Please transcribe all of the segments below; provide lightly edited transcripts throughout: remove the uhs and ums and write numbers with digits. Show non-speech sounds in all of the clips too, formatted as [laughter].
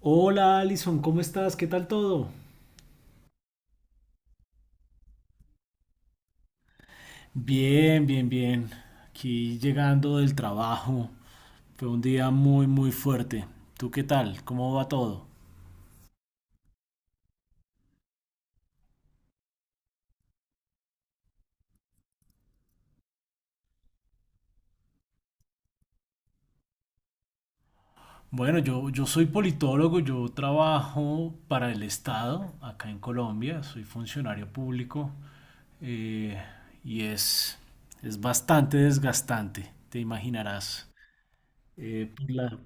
Hola Alison, ¿cómo estás? ¿Qué tal todo? Bien, bien, bien. Aquí llegando del trabajo. Fue un día muy, muy fuerte. ¿Tú qué tal? ¿Cómo va todo? Bueno, yo soy politólogo, yo trabajo para el Estado acá en Colombia, soy funcionario público, eh, y es, es bastante desgastante, te imaginarás. Eh, por la-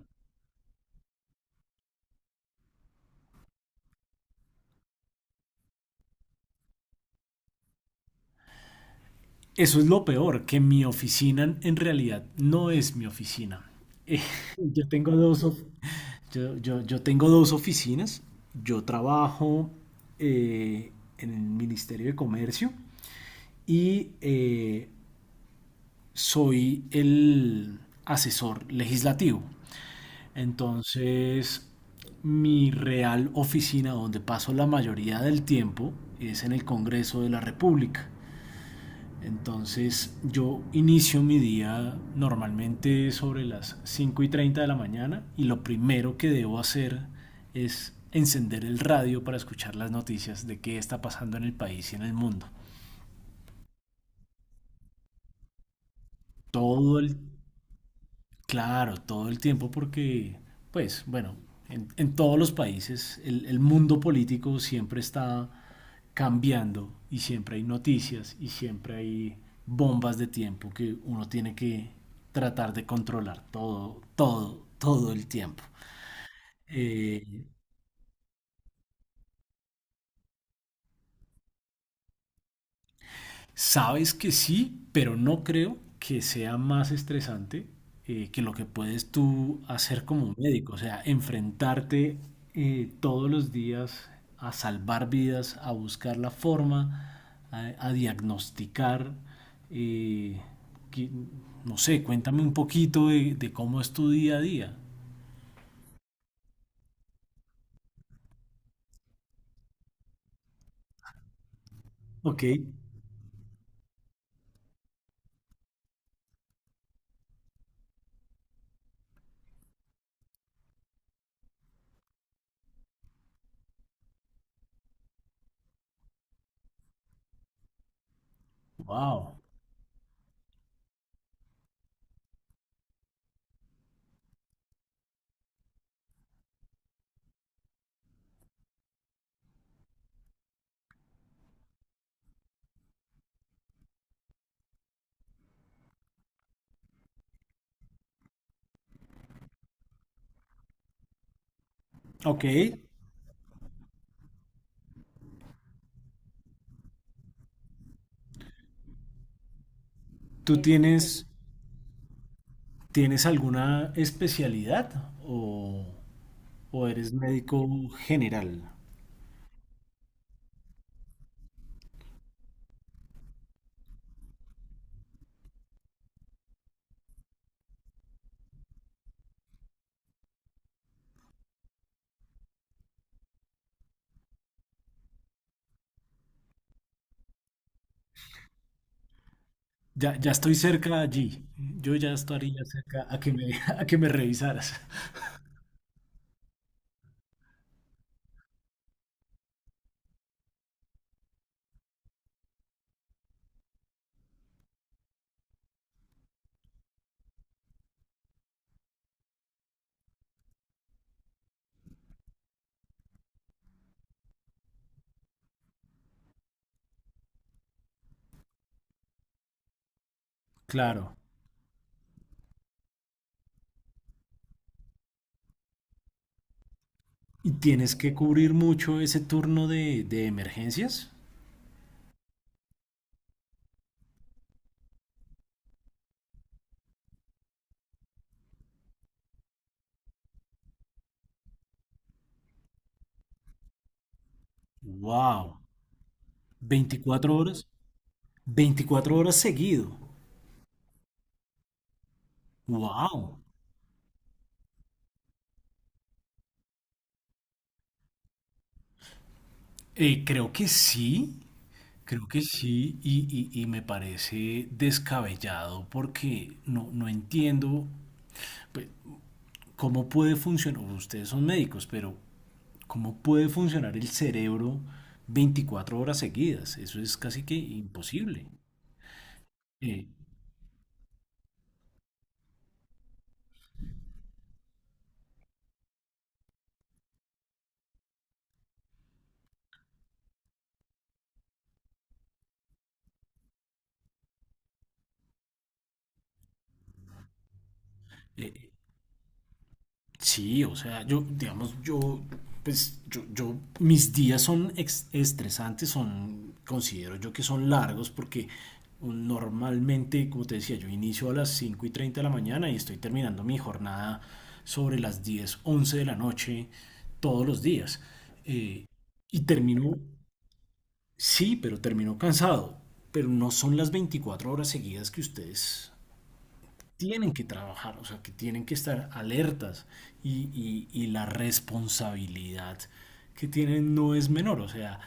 Eso es lo peor, que mi oficina en realidad no es mi oficina. Eh, yo tengo dos, of- yo tengo dos oficinas. Yo trabajo eh, en el Ministerio de Comercio y, soy el asesor legislativo. Entonces, mi real oficina donde paso la mayoría del tiempo es en el Congreso de la República. Entonces yo inicio mi día normalmente sobre las 5 y 30 de la mañana y lo primero que debo hacer es encender el radio para escuchar las noticias de qué está pasando en el país y en el mundo. Todo el Claro, todo el tiempo porque, pues, bueno, en todos los países el mundo político siempre está cambiando y siempre hay noticias y siempre hay bombas de tiempo que uno tiene que tratar de controlar todo, todo, todo el tiempo. Eh, Sabes que sí, pero no creo que sea más estresante, que lo que puedes tú hacer como médico, o sea, enfrentarte, todos los días a salvar vidas, a buscar la forma, a diagnosticar. eh, que- no sé, cuéntame un poquito de cómo es tu día a día. Ok. Wow. Ok. ¿Tú tienes, tienes alguna especialidad o...? ¿O eres médico general? Ya, ya estoy cerca allí. Yo ya estaría cerca a que me, [laughs] a que me revisaras. Claro. ¿Y tienes que cubrir mucho ese turno de emergencias? Wow. ¿Veinticuatro horas? Veinticuatro horas seguido. Wow. Eh, creo que sí, Creo que sí, y, y me parece descabellado porque no, no entiendo, pues, cómo puede funcionar. Ustedes son médicos, pero ¿cómo puede funcionar el cerebro 24 horas seguidas? Eso es casi que imposible. Eh, sí, o sea, yo, digamos, yo, pues, mis días son estresantes, son, considero yo que son largos porque normalmente, como te decía, yo inicio a las 5 y 30 de la mañana y estoy terminando mi jornada sobre las 10 11 de la noche todos los días. Eh, y termino Sí, pero terminó cansado. Pero no son las 24 horas seguidas que ustedes tienen que trabajar, o sea, que tienen que estar alertas y, y la responsabilidad que tienen no es menor, o sea,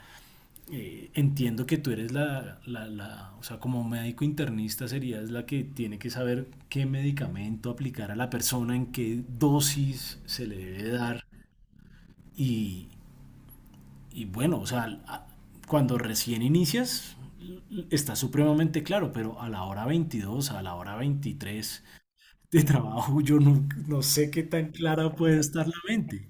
entiendo que tú eres o sea, como médico internista serías la que tiene que saber qué medicamento aplicar a la persona, en qué dosis se le debe dar y, y bueno, o sea, cuando recién inicias está supremamente claro, pero a la hora veintidós, a la hora 23 de trabajo, yo no, no sé qué tan clara puede estar la mente.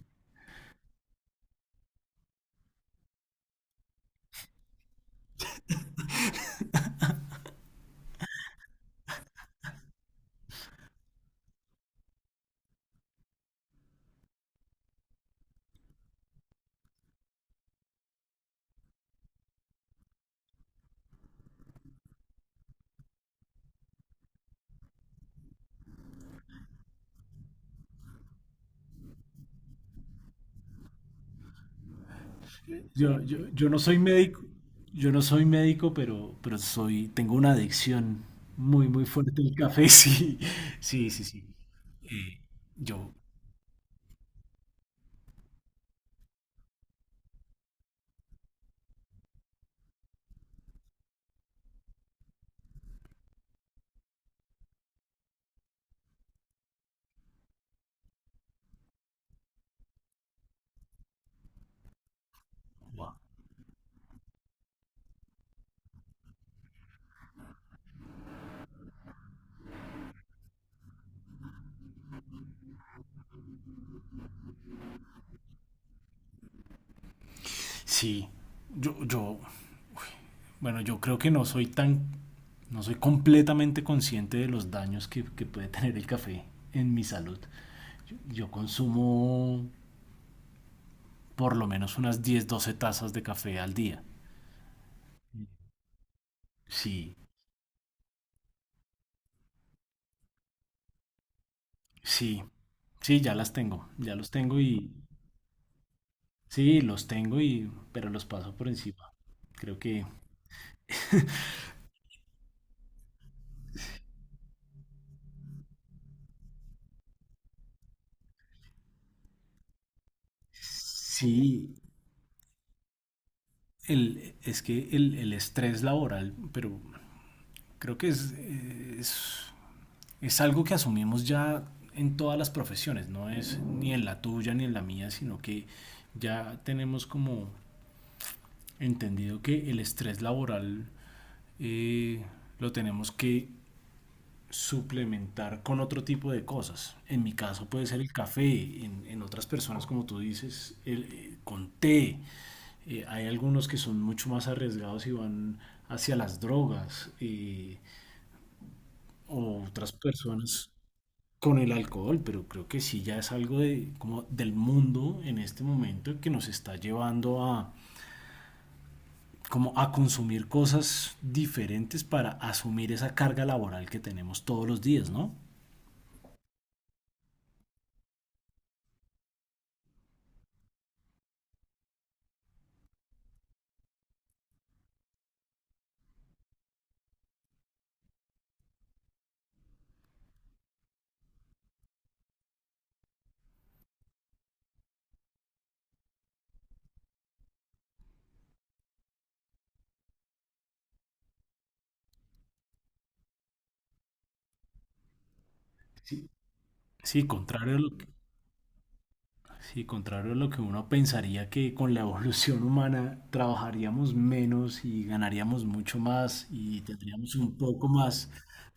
Yo no soy médico, yo no soy médico, pero soy, tengo una adicción muy, muy fuerte al café, [laughs] sí, sí, sí, sí. Eh, yo, wow. sí, yo, yo, Bueno, yo creo que no soy tan, no soy completamente consciente de los daños que puede tener el café en mi salud. Yo consumo por lo menos unas 10, 12 tazas de café al día. Sí, sí, sí, ya las tengo, ya los tengo y sí, los tengo y pero los paso por encima. Creo que sí, es que el estrés laboral, pero creo que es algo que asumimos ya en todas las profesiones, no es ni en la tuya ni en la mía, sino que ya tenemos como entendido que el estrés laboral, eh, lo tenemos que suplementar con otro tipo de cosas. En mi caso puede ser el café, en otras personas, como tú dices, el, con té. Hay algunos que son mucho más arriesgados y van hacia las drogas, o otras personas con el alcohol, pero creo que sí ya es algo de, como del mundo en este momento que nos está llevando a, como a consumir cosas diferentes para asumir esa carga laboral que tenemos todos los días, ¿no? Sí. Sí, contrario a lo que... Sí, contrario a lo que uno pensaría que con la [laughs] evolución humana trabajaríamos menos y ganaríamos mucho más y tendríamos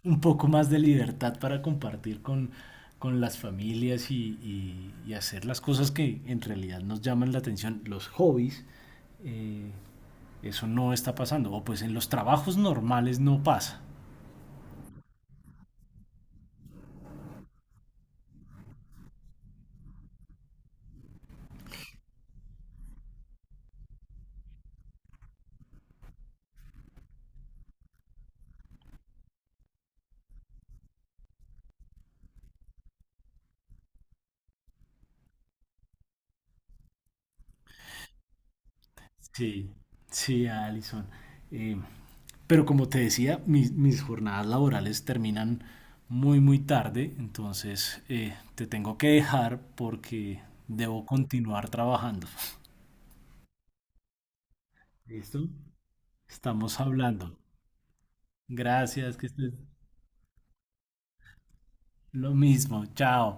un poco más de libertad para compartir con las familias y, y hacer las cosas que en realidad nos llaman la atención, los hobbies, eh, eso no está pasando. O pues en los trabajos normales no pasa. Sí, sí, Alison. Eh, pero como te decía, mis, mis jornadas laborales terminan muy, muy tarde, entonces te tengo que dejar porque debo continuar trabajando. ¿Listo? Estamos hablando. Gracias, que estés lo mismo. Chao.